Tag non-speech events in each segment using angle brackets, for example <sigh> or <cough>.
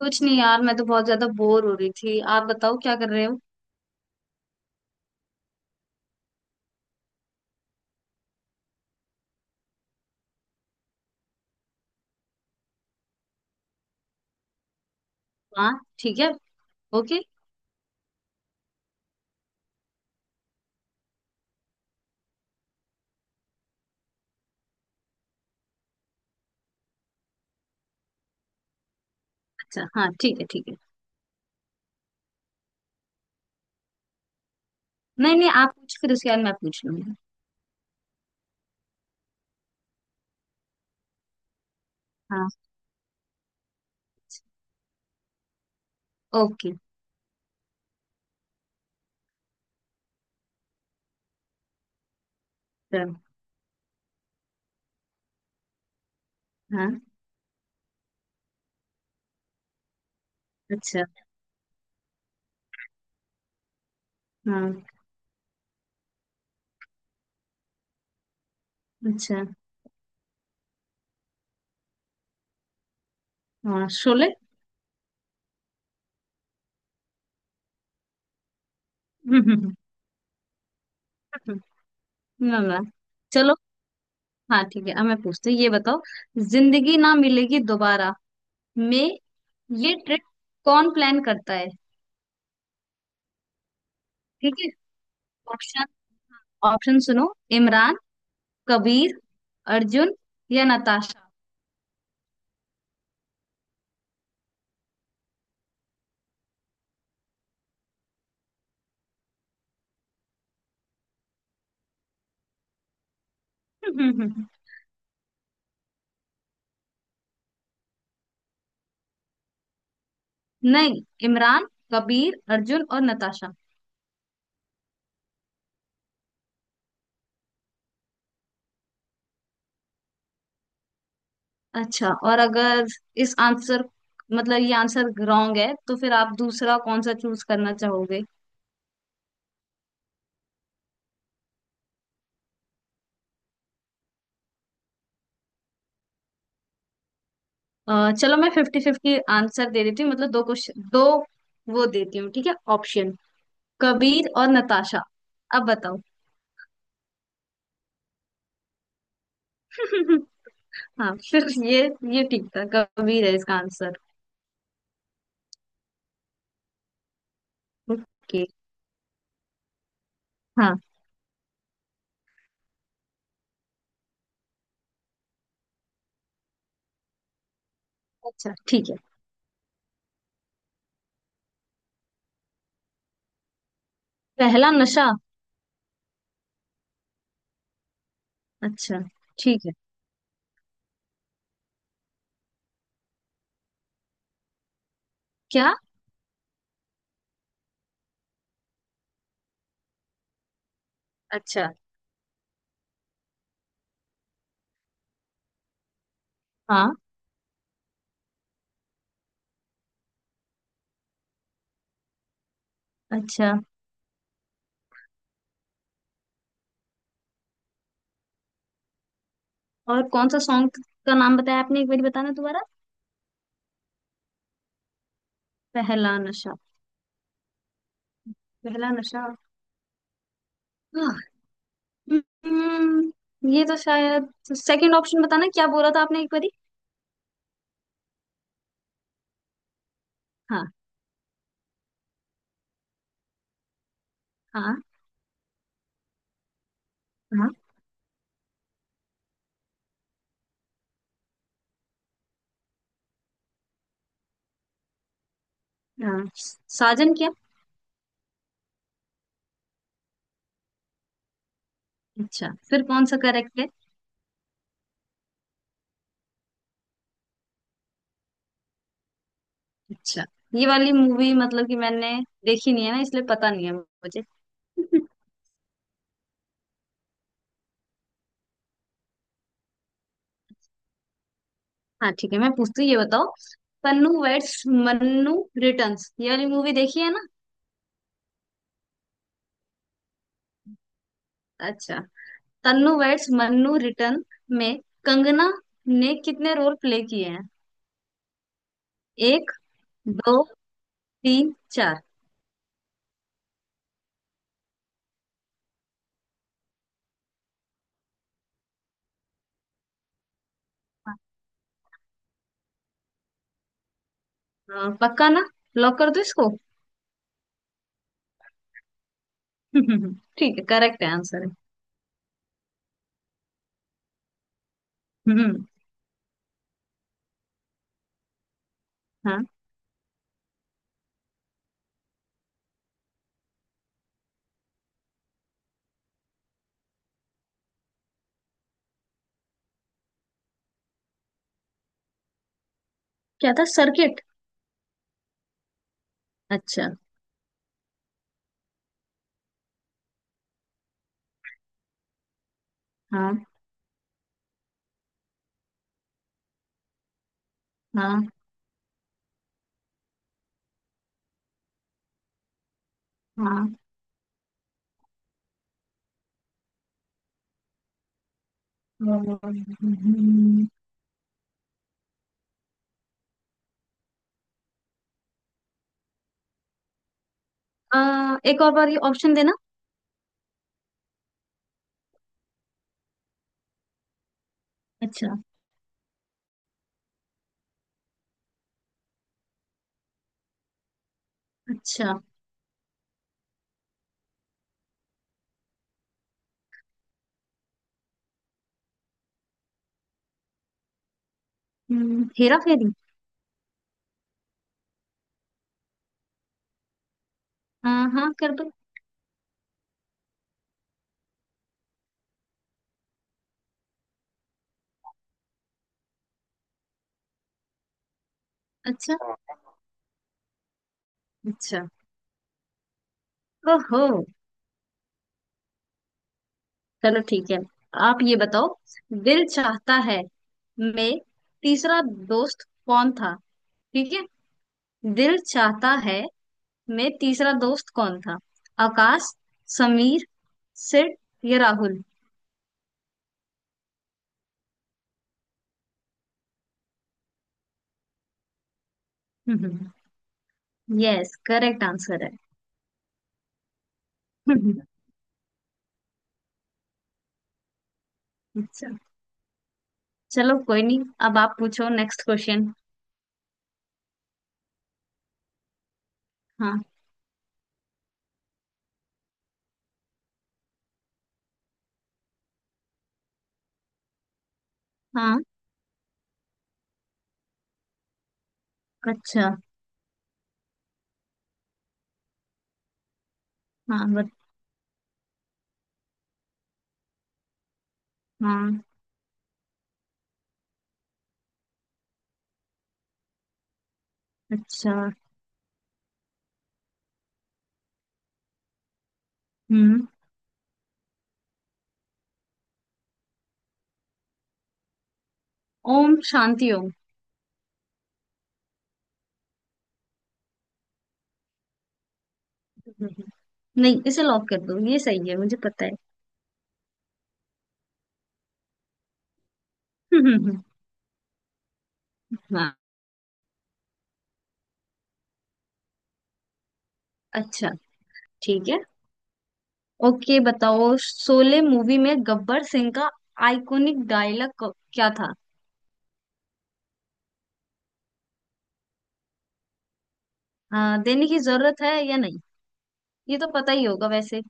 कुछ नहीं यार, मैं तो बहुत ज्यादा बोर हो रही थी। आप बताओ क्या कर रहे हो। हाँ। ठीक है। ओके। अच्छा, हाँ ठीक है ठीक है। नहीं नहीं, आप पूछ फिर उसके बाद मैं पूछ लूंगी। हाँ। ओके। चलो। हाँ। अच्छा। हाँ। अच्छा। हाँ, शोले। <laughs> ना ना। चलो। हाँ ठीक है, अब मैं पूछती हूँ, ये बताओ। जिंदगी ना मिलेगी दोबारा में ये ट्रिप कौन प्लान करता है। ठीक है। ऑप्शन। ऑप्शन सुनो। इमरान, कबीर, अर्जुन या नताशा। <laughs> नहीं, इमरान कबीर अर्जुन और नताशा। अच्छा, और अगर इस आंसर, मतलब ये आंसर रॉन्ग है, तो फिर आप दूसरा कौन सा चूज करना चाहोगे। चलो, मैं फिफ्टी फिफ्टी आंसर दे देती हूँ, मतलब दो क्वेश्चन दो वो देती हूँ, ठीक है ऑप्शन। कबीर और नताशा। अब बताओ। <laughs> हाँ फिर ये ठीक था, कबीर है इसका आंसर। ओके। हाँ। अच्छा ठीक है। पहला नशा। अच्छा ठीक है। क्या। अच्छा। हाँ। अच्छा। और कौन सा सॉन्ग का नाम बताया आपने, एक बार बताना दोबारा। पहला नशा। पहला नशा। हाँ। हम्म, ये तो शायद सेकंड ऑप्शन, बताना क्या बोला था आपने एक बारी। हाँ हाँ हाँ हाँ। साजन क्या। अच्छा, फिर कौन सा करेक्ट है। अच्छा, ये वाली मूवी मतलब कि मैंने देखी नहीं है ना, इसलिए पता नहीं है मुझे। <laughs> हाँ ठीक है, मैं पूछती हूँ ये बताओ। पन्नू वेड्स मन्नू रिटर्न्स, ये वाली मूवी देखी है ना। अच्छा। तन्नू वेड्स मन्नू रिटर्न में कंगना ने कितने रोल प्ले किए हैं। एक, दो, तीन, चार। हाँ, पक्का ना। लॉक कर दो इसको। <laughs> ठीक है, करेक्ट है आंसर है। हम्म, हाँ। क्या था सर्किट। अच्छा। हाँ। हाँ। हाँ। हम्म, एक और बार ये ऑप्शन देना। अच्छा। अच्छा। हेरा फेरी। हाँ हाँ कर दो। अच्छा। अच्छा। ओहो। चलो ठीक है। आप ये बताओ, दिल चाहता है में तीसरा दोस्त कौन था, ठीक है। दिल चाहता है में तीसरा दोस्त कौन था। आकाश, समीर, सिड या राहुल। <laughs> यस, करेक्ट आंसर है। <laughs> हम्म, अच्छा। चलो कोई नहीं, अब आप पूछो नेक्स्ट क्वेश्चन। हाँ। हाँ। अच्छा। हाँ हाँ। अच्छा। हम्म। ओम शांति ओम। <laughs> हम्म, नहीं, इसे लॉक कर दो, ये सही है मुझे पता है। <laughs> हाँ अच्छा ठीक है। ओके, बताओ, शोले मूवी में गब्बर सिंह का आइकॉनिक डायलॉग क्या था। देने की जरूरत है या नहीं, ये तो पता ही होगा वैसे।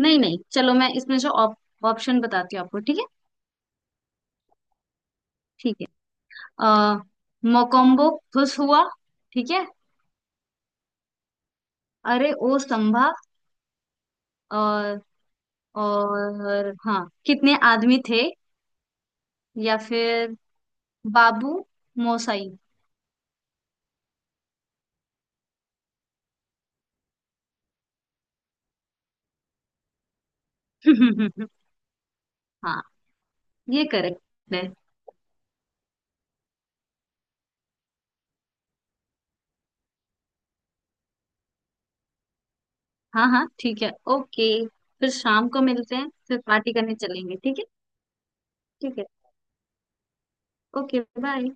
नहीं नहीं, चलो मैं इसमें से ऑप्शन बताती हूँ आपको, ठीक है। ठीक है। आ, मोकोम्बो खुश हुआ। ठीक है। अरे ओ संभा। और। और हाँ, कितने आदमी थे। या फिर बाबू मोसाई। <laughs> हाँ, ये करेक्ट है। हाँ हाँ ठीक है, ओके फिर शाम को मिलते हैं, फिर पार्टी करने चलेंगे, ठीक है। ठीक है, ओके बाय।